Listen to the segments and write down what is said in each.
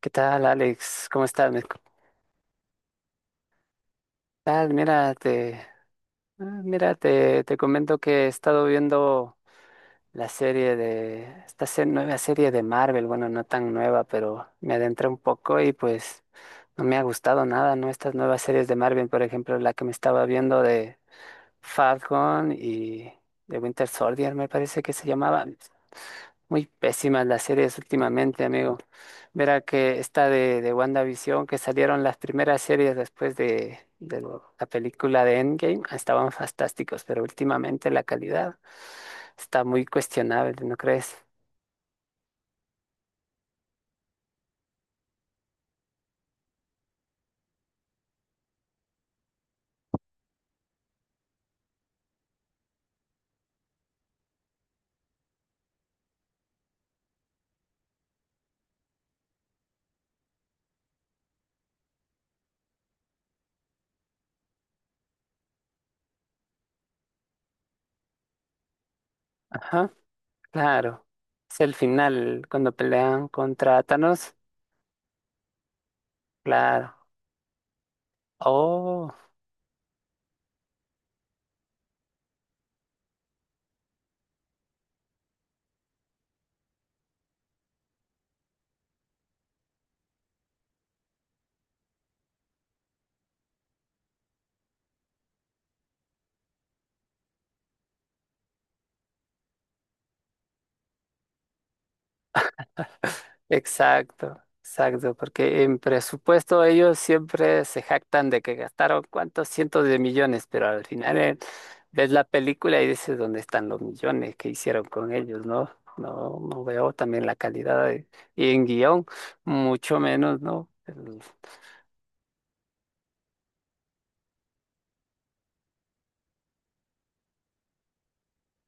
¿Qué tal, Alex? ¿Cómo estás? Me- ¿Qué tal? Mira, te, ah, mira, te comento que he estado viendo la serie de, nueva serie de Marvel, bueno, no tan nueva, pero me adentré un poco y pues no me ha gustado nada, ¿no? Estas nuevas series de Marvel, por ejemplo, la que me estaba viendo de Falcon y de Winter Soldier, me parece que se llamaba. Muy pésimas las series últimamente, amigo. Verá que esta de WandaVision, que salieron las primeras series después de, la película de Endgame, estaban fantásticos, pero últimamente la calidad está muy cuestionable, ¿no crees? Ajá, claro. Es el final, cuando pelean contra Thanos, claro. Oh. Exacto, exacto, porque en presupuesto ellos siempre se jactan de que gastaron cuántos cientos de millones, pero al final ves la película y dices dónde están los millones que hicieron con ellos, ¿no? No, no veo también y en guión, mucho menos, ¿no? El-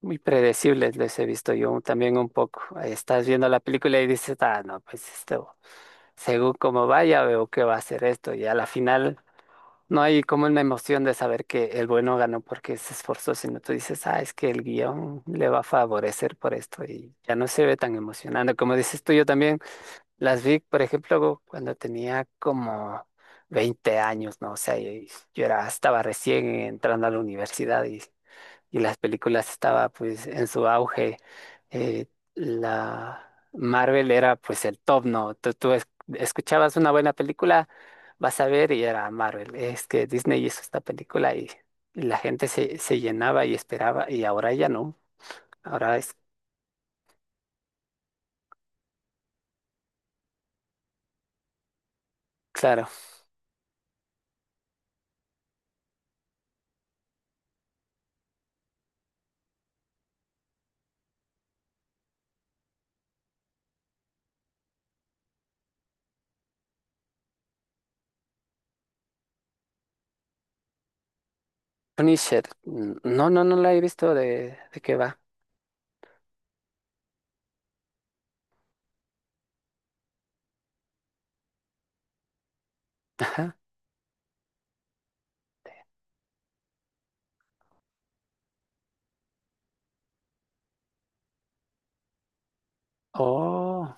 Muy predecibles les he visto yo también un poco. Ahí estás viendo la película y dices, ah, no, pues esto, según cómo vaya, veo que va a ser esto, y a la final. No, hay como una emoción de saber que el bueno ganó porque se esforzó, sino tú dices, ah, es que el guión le va a favorecer por esto y ya no se ve tan emocionante. Como dices tú, yo también las vi, por ejemplo, cuando tenía como 20 años, ¿no? O sea, y- yo era, estaba recién entrando a la universidad y las películas estaba pues en su auge. Eh, la Marvel era pues el top, ¿no? Escuchabas una buena película, vas a ver y era Marvel. Es que Disney hizo esta película y la gente se llenaba y esperaba y ahora ya no. Ahora es, claro, Punisher. No, no, no la he visto de qué va. Ajá. Oh,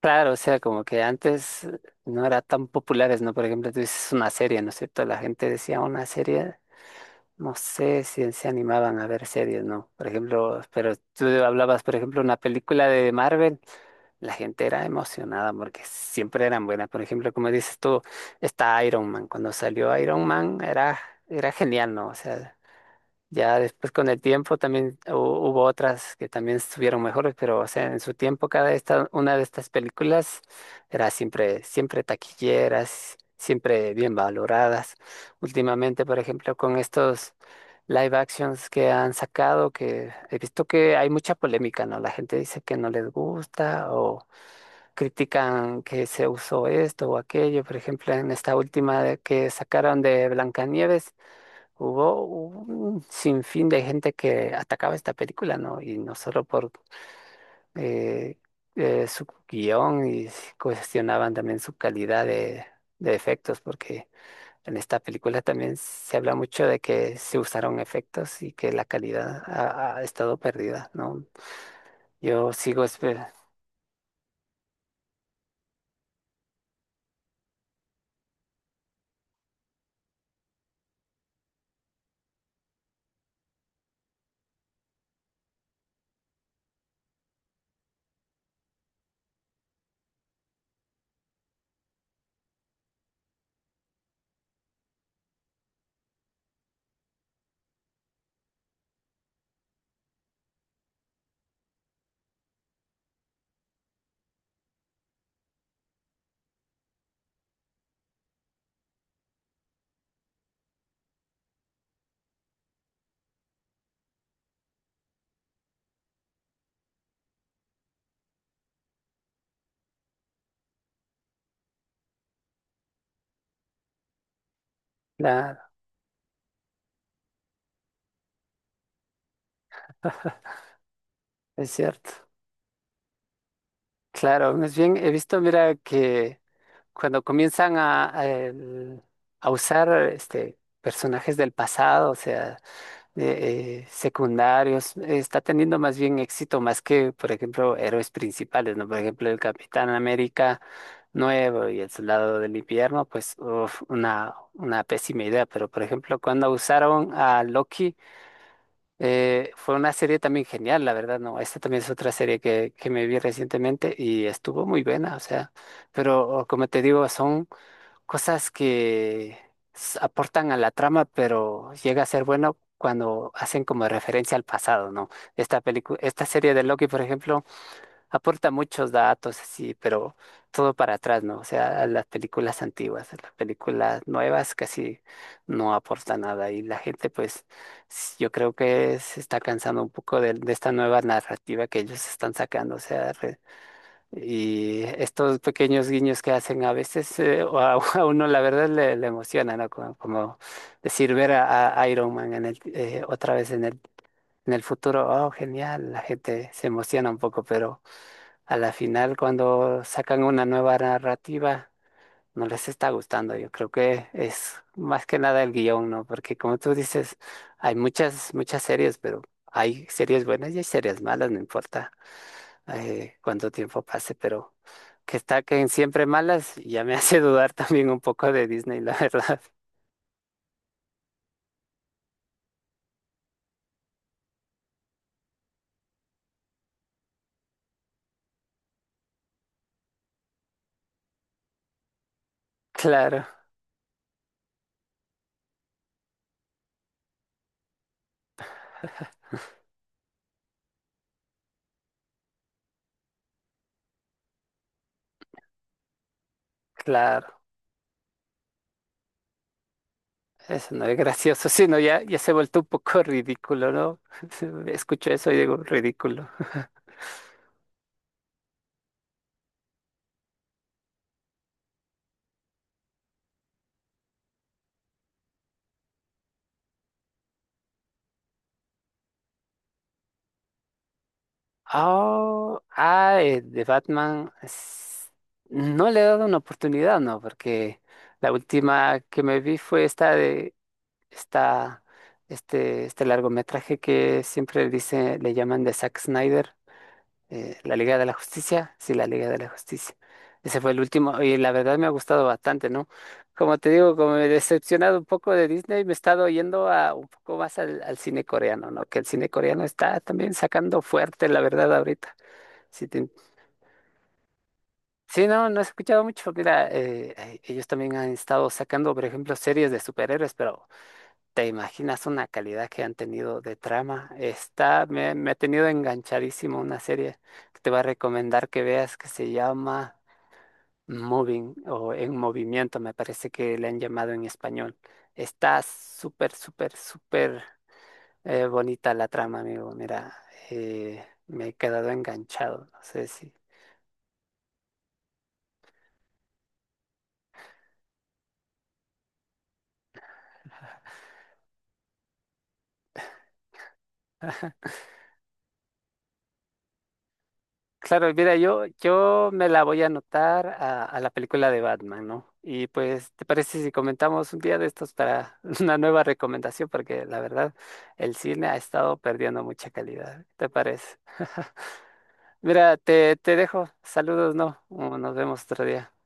claro, o sea, como que antes no eran tan populares, ¿no? Por ejemplo, tú dices una serie, ¿no es cierto? La gente decía una serie. No sé si se animaban a ver series, ¿no? Por ejemplo, pero tú hablabas, por ejemplo, una película de Marvel, la gente era emocionada porque siempre eran buenas. Por ejemplo, como dices tú, está Iron Man. Cuando salió Iron Man era, era genial, ¿no? O sea. Ya después con el tiempo también hubo otras que también estuvieron mejores, pero o sea, en su tiempo cada esta, una de estas películas era siempre, siempre taquilleras, siempre bien valoradas. Últimamente, por ejemplo, con estos live actions que han sacado, que he visto que hay mucha polémica, ¿no? La gente dice que no les gusta o critican que se usó esto o aquello. Por ejemplo, en esta que sacaron de Blancanieves. Hubo un sinfín de gente que atacaba esta película, ¿no? Y no solo por eh, su guión y cuestionaban también su calidad de efectos, porque en esta película también se habla mucho de que se usaron efectos y que la calidad ha, ha estado perdida, ¿no? Yo sigo esperando. Es cierto. Claro, más bien he visto, mira, que cuando comienzan a usar este, personajes del pasado, o sea, secundarios, está teniendo más bien éxito más que, por ejemplo, héroes principales, ¿no? Por ejemplo, el Capitán América nuevo y el Soldado del Invierno, pues, uf, una pésima idea, pero por ejemplo, cuando usaron a Loki, fue una serie también genial, la verdad, ¿no? Esta también es otra serie que me vi recientemente y estuvo muy buena, o sea, pero como te digo, son cosas que aportan a la trama, pero llega a ser bueno cuando hacen como referencia al pasado, ¿no? Esta película, esta serie de Loki, por ejemplo, aporta muchos datos así, pero todo para atrás, ¿no? O sea, a las películas antiguas, a las películas nuevas casi no aporta nada y la gente, pues, yo creo que se está cansando un poco de esta nueva narrativa que ellos están sacando, o sea, y estos pequeños guiños que hacen a veces o a, a uno la verdad le, le emociona, ¿no? Como, como decir ver a Iron Man en el, otra vez en el futuro, oh, genial, la gente se emociona un poco, pero a la final cuando sacan una nueva narrativa no les está gustando. Yo creo que es más que nada el guión, ¿no? Porque como tú dices, hay muchas, muchas series, pero hay series buenas y hay series malas, no importa cuánto tiempo pase, pero que está que en siempre malas ya me hace dudar también un poco de Disney, la verdad. Claro, claro. Eso no es gracioso, sino ya, ya se ha vuelto un poco ridículo, ¿no? Escucho eso y digo, ridículo. Oh, ah, de Batman. No le he dado una oportunidad, ¿no? Porque la última que me vi fue esta de esta, este largometraje que siempre dice, le llaman de Zack Snyder. La Liga de la Justicia, sí, la Liga de la Justicia. Ese fue el último y la verdad me ha gustado bastante, ¿no? Como te digo, como me he decepcionado un poco de Disney, me he estado yendo a un poco más al, al cine coreano, ¿no? Que el cine coreano está también sacando fuerte, la verdad, ahorita. Sí, sí, no, no he escuchado mucho. Mira, ellos también han estado sacando, por ejemplo, series de superhéroes, pero ¿te imaginas una calidad que han tenido de trama? Está, me ha tenido enganchadísimo una serie que te voy a recomendar que veas que se llama Moving o En Movimiento, me parece que le han llamado en español. Está súper, súper, súper bonita la trama, amigo. Mira, me he quedado enganchado. No sé si claro, mira, yo me la voy a anotar a la película de Batman, ¿no? Y pues, ¿te parece si comentamos un día de estos para una nueva recomendación? Porque la verdad, el cine ha estado perdiendo mucha calidad. ¿Qué te parece? Mira, te dejo. Saludos, ¿no? Nos vemos otro día.